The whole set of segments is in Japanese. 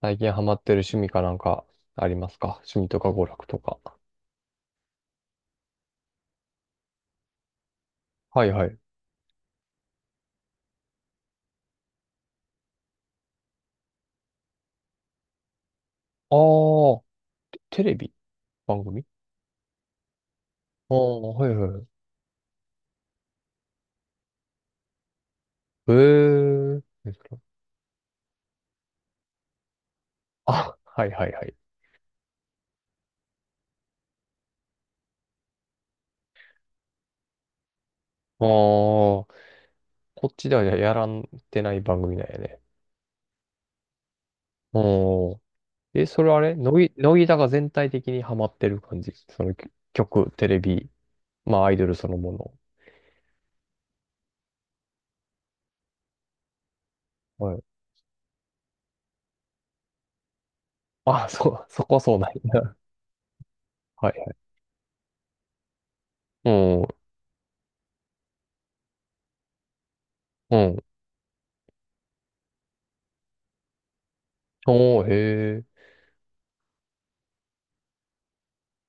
最近ハマってる趣味かなんかありますか？趣味とか娯楽とか。はいはい。ああ、テレビ番組。ああー、はいはい。ええですか？あ、はいはいはい。ああ、こっちではやらんてない番組なんやね。おー。え、それあれ乃木坂全体的にハマってる感じ？その曲テレビ、まあアイドルそのもの。はい。あ、そう、そこはそうなんや。はいはい。うん、うん。おー、へえ。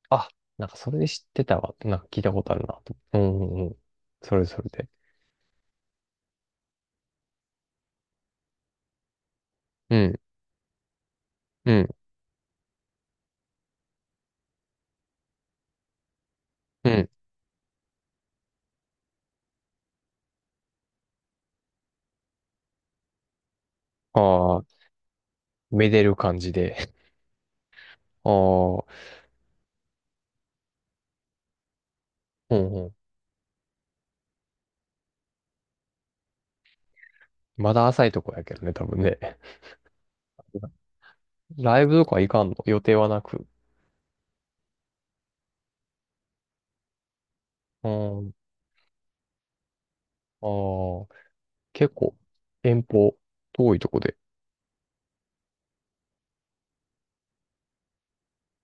あ、なんかそれで知ってたわ。なんか聞いたことあるなと。うんうんうん。それそれで。うん、うん、うん。ああ、めでる感じで。ああ、うんうん。まだ浅いとこやけどね、多分ね。ライブとか行かんの？予定はなく。うん。ああ、結構遠方、遠いとこで。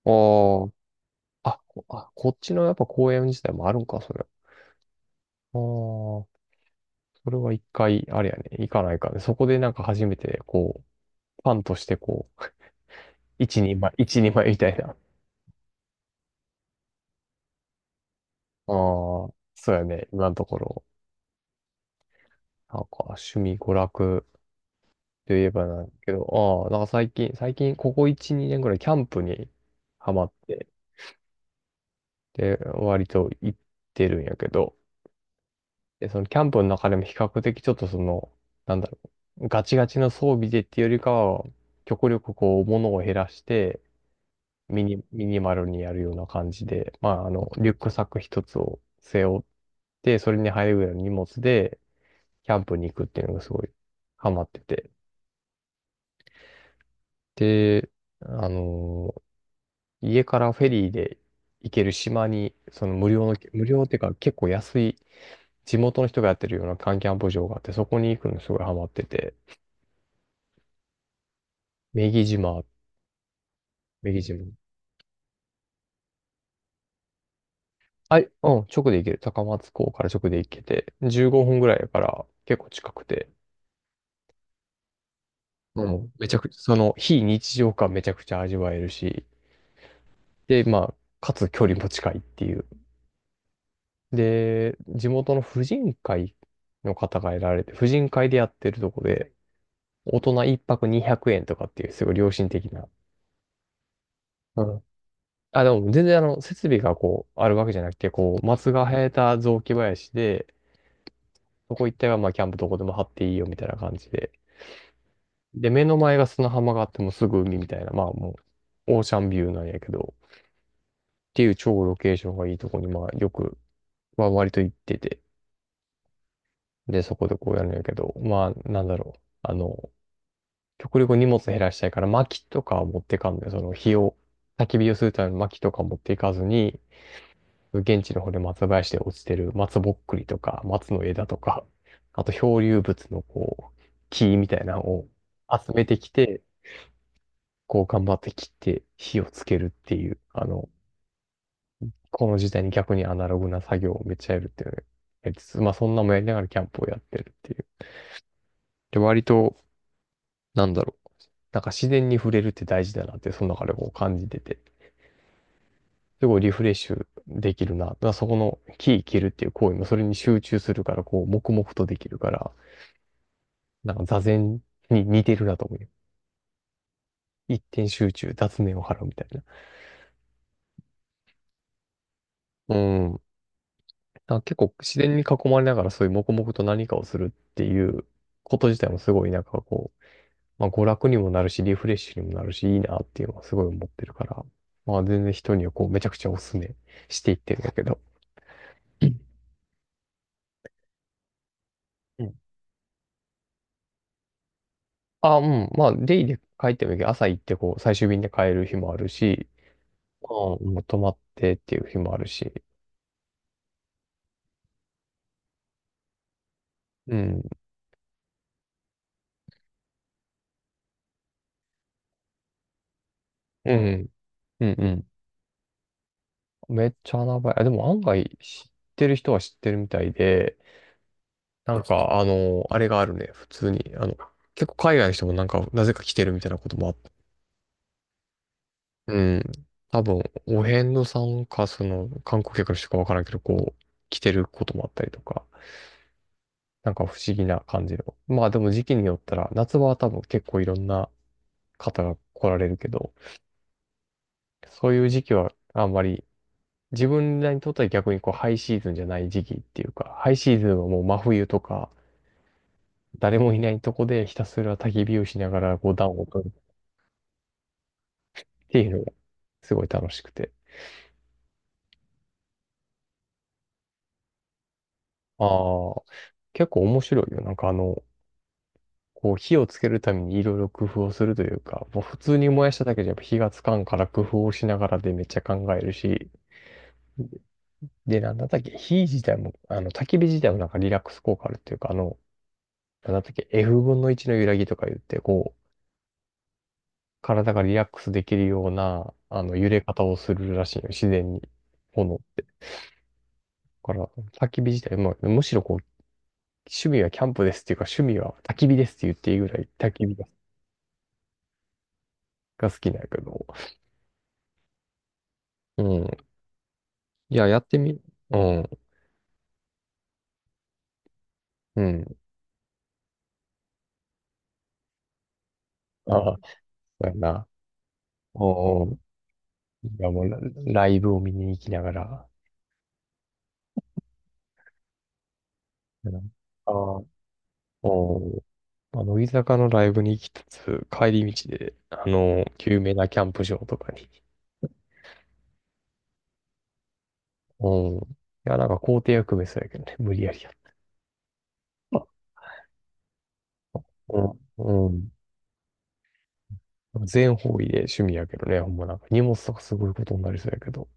ああ、こっちのやっぱ公園自体もあるんか、それ。ああ、それは一回、あれやね、行かないかね。そこでなんか初めて、こう、ファンとしてこう、一人前みたいな。ああ、そうやね、今のところ。なんか、趣味、娯楽といえばなんだけど、ああ、なんか最近、ここ1、2年ぐらいキャンプにハマって、で、割と行ってるんやけど、で、そのキャンプの中でも比較的ちょっとその、なんだろう、ガチガチの装備でっていうよりかは、極力こう、物を減らして、ミニマルにやるような感じで、まあ、あの、リュックサック一つを背負って、それに入るぐらいの荷物で、キャンプに行くっていうのがすごいハマってて。で、あのー家からフェリーで行ける島に、その無料の、無料っていうか結構安い地元の人がやってるような缶キャンプ場があって、そこに行くのすごいハマってて。女木島、女木島。はい、うん、直で行ける。高松港から直で行けて、15分ぐらいだから結構近くて、もうめちゃくちゃ、その非日常感めちゃくちゃ味わえるし、で、まあ、かつ距離も近いっていう。で、地元の婦人会の方がいられて、婦人会でやってるとこで、大人一泊200円とかっていう、すごい良心的な。うん。あ、でも全然あの、設備がこう、あるわけじゃなくて、こう、松が生えた雑木林で、そこ一帯はまあ、キャンプどこでも張っていいよみたいな感じで。で、目の前が砂浜があってもうすぐ海みたいな、まあもう、オーシャンビューなんやけど、っていう超ロケーションがいいとこに、まあ、よく、は割と行ってて、で、そこでこうやるんやけど、まあ、なんだろう。あの、極力荷物減らしたいから、薪とかを持ってかんのよ。その火を、焚き火をするための薪とか持っていかずに、現地の方で松林で落ちてる松ぼっくりとか、松の枝とか、あと漂流物のこう、木みたいなのを集めてきて、こう頑張って切って火をつけるっていう、あの、この時代に逆にアナログな作業をめっちゃやるっていうのをやりつつ、まあそんなもやりながらキャンプをやってるっていう。で、割と、なんだろう、なんか自然に触れるって大事だなって、その中でこう感じてて。すごいリフレッシュできるな。だからそこの木切るっていう行為もそれに集中するから、こう、黙々とできるから、なんか座禅に似てるなと思うよ。一点集中、雑念を払うみたいな。うん。なんか結構自然に囲まれながらそういう黙々と何かをするっていうこと自体もすごいなんかこう、まあ娯楽にもなるし、リフレッシュにもなるし、いいなっていうのはすごい思ってるから、まあ全然人にはこうめちゃくちゃおすすめしていってるんだけど。うん、あ、うん。まあ、デイで帰ってもいいけど、朝行ってこう、最終便で帰る日もあるし、まあ、もう泊まってっていう日もあるし。うん。うん。うんうん。めっちゃ穴場や。あでも案外知ってる人は知ってるみたいで、なんか、あの、あれがあるね。普通に。あの、結構海外の人もなんか、なぜか来てるみたいなこともあった。うん。多分、お遍路さんか、その、観光客の人かわからんけど、こう、来てることもあったりとか。なんか不思議な感じの。まあでも時期によったら、夏場は多分結構いろんな方が来られるけど、そういう時期はあんまり、自分らにとっては逆にこうハイシーズンじゃない時期っていうか、ハイシーズンはもう真冬とか、誰もいないとこでひたすら焚き火をしながらこう暖を取るっていうのがすごい楽しくて。ああ、結構面白いよ。なんかあの、こう火をつけるためにいろいろ工夫をするというか、もう普通に燃やしただけじゃやっぱ火がつかんから工夫をしながらでめっちゃ考えるし、で、なんだったっけ、火自体も、あの、焚き火自体もなんかリラックス効果あるっていうか、あの、なんだったっけ、F 分の1の揺らぎとか言って、こう、体がリラックスできるような、あの、揺れ方をするらしいよ、自然に。炎。だから、焚き火自体も、むしろこう、趣味はキャンプですっていうか、趣味は焚き火ですって言っていいぐらい焚き火が好きなんやけど。うん。いや、やってみ、うん、うん。ああ、そうやな。おお、いや、もうラ、ライブを見に行きながら。うん、ああ、おお、まあ、乃木坂のライブに行きつつ、帰り道で、あの、有名なキャンプ場とかに。うん。いや、なんか校庭役目そうやけどね、無理やりやった。うん。うん。全方位で趣味やけどね、ほんまなんか荷物とかすごいことになりそうやけど。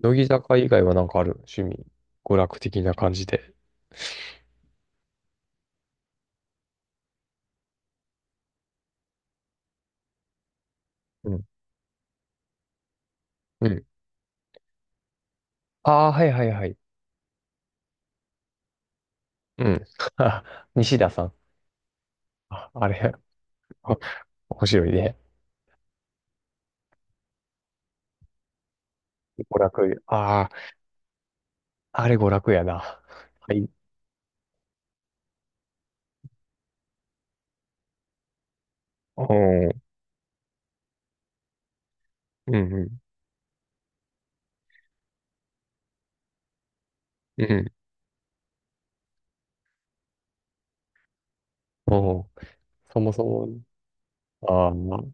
乃木坂以外はなんかある趣味？娯楽的な感じで。うん。うん。ああ、はいはいはい。うん。西田さん。あ、あれ、面白いね。娯楽、ああ、あれ娯楽やな。はい。うん。うんうん。うん。おう、そもそも、ああ、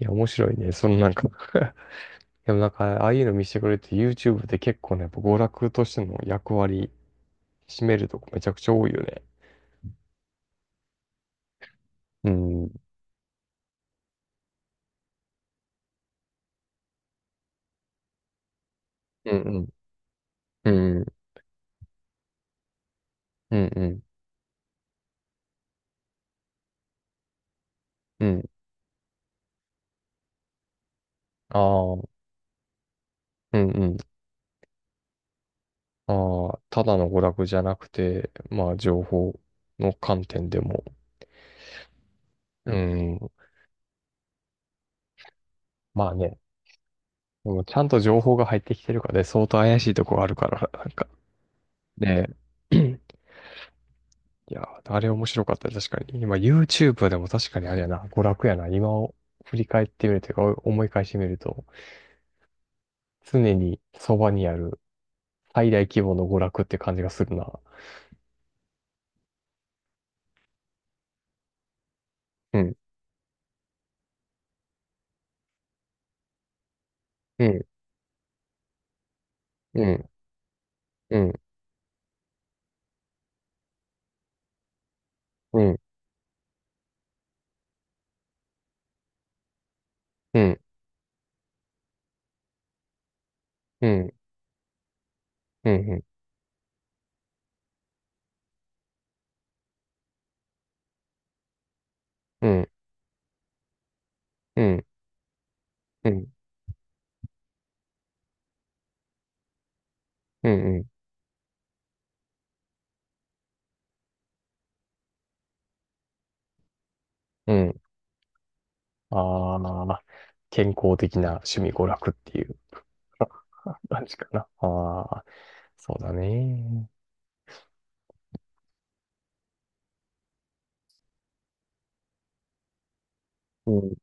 いや、面白いね。そのなんか でもなんか、ああいうの見せてくれて、YouTube で結構ね、やっぱ娯楽としての役割、占めるとこめちゃくちゃ多いよね。うん。うんうん。うんうん。うんうん。ああ、うんうん。ああ、ただの娯楽じゃなくて、まあ、情報の観点でも。うん。まあね、でもちゃんと情報が入ってきてるかで、相当怪しいとこがあるから、なんか。ねえ。いやー、あれ面白かった。確かに。今 YouTube でも確かにあれやな、娯楽やな。今を振り返ってみるというか、思い返してみると、常にそばにある最大規模の娯楽って感じがするな。うん、うん、うん、うん、うん、うん、うん、うん、うん、うん、うん、うん、うん、うん。ああ、健康的な趣味娯楽っていう 感じかな。ああ、そうだね。うん、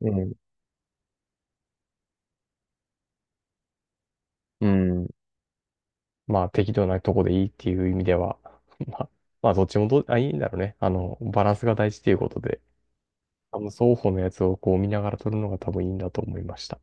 うん、うん。まあ適度なとこでいいっていう意味では、まあ、まあどっちもどう、あ、いいんだろうね。あの、バランスが大事ということで、あの、双方のやつをこう見ながら撮るのが多分いいんだと思いました。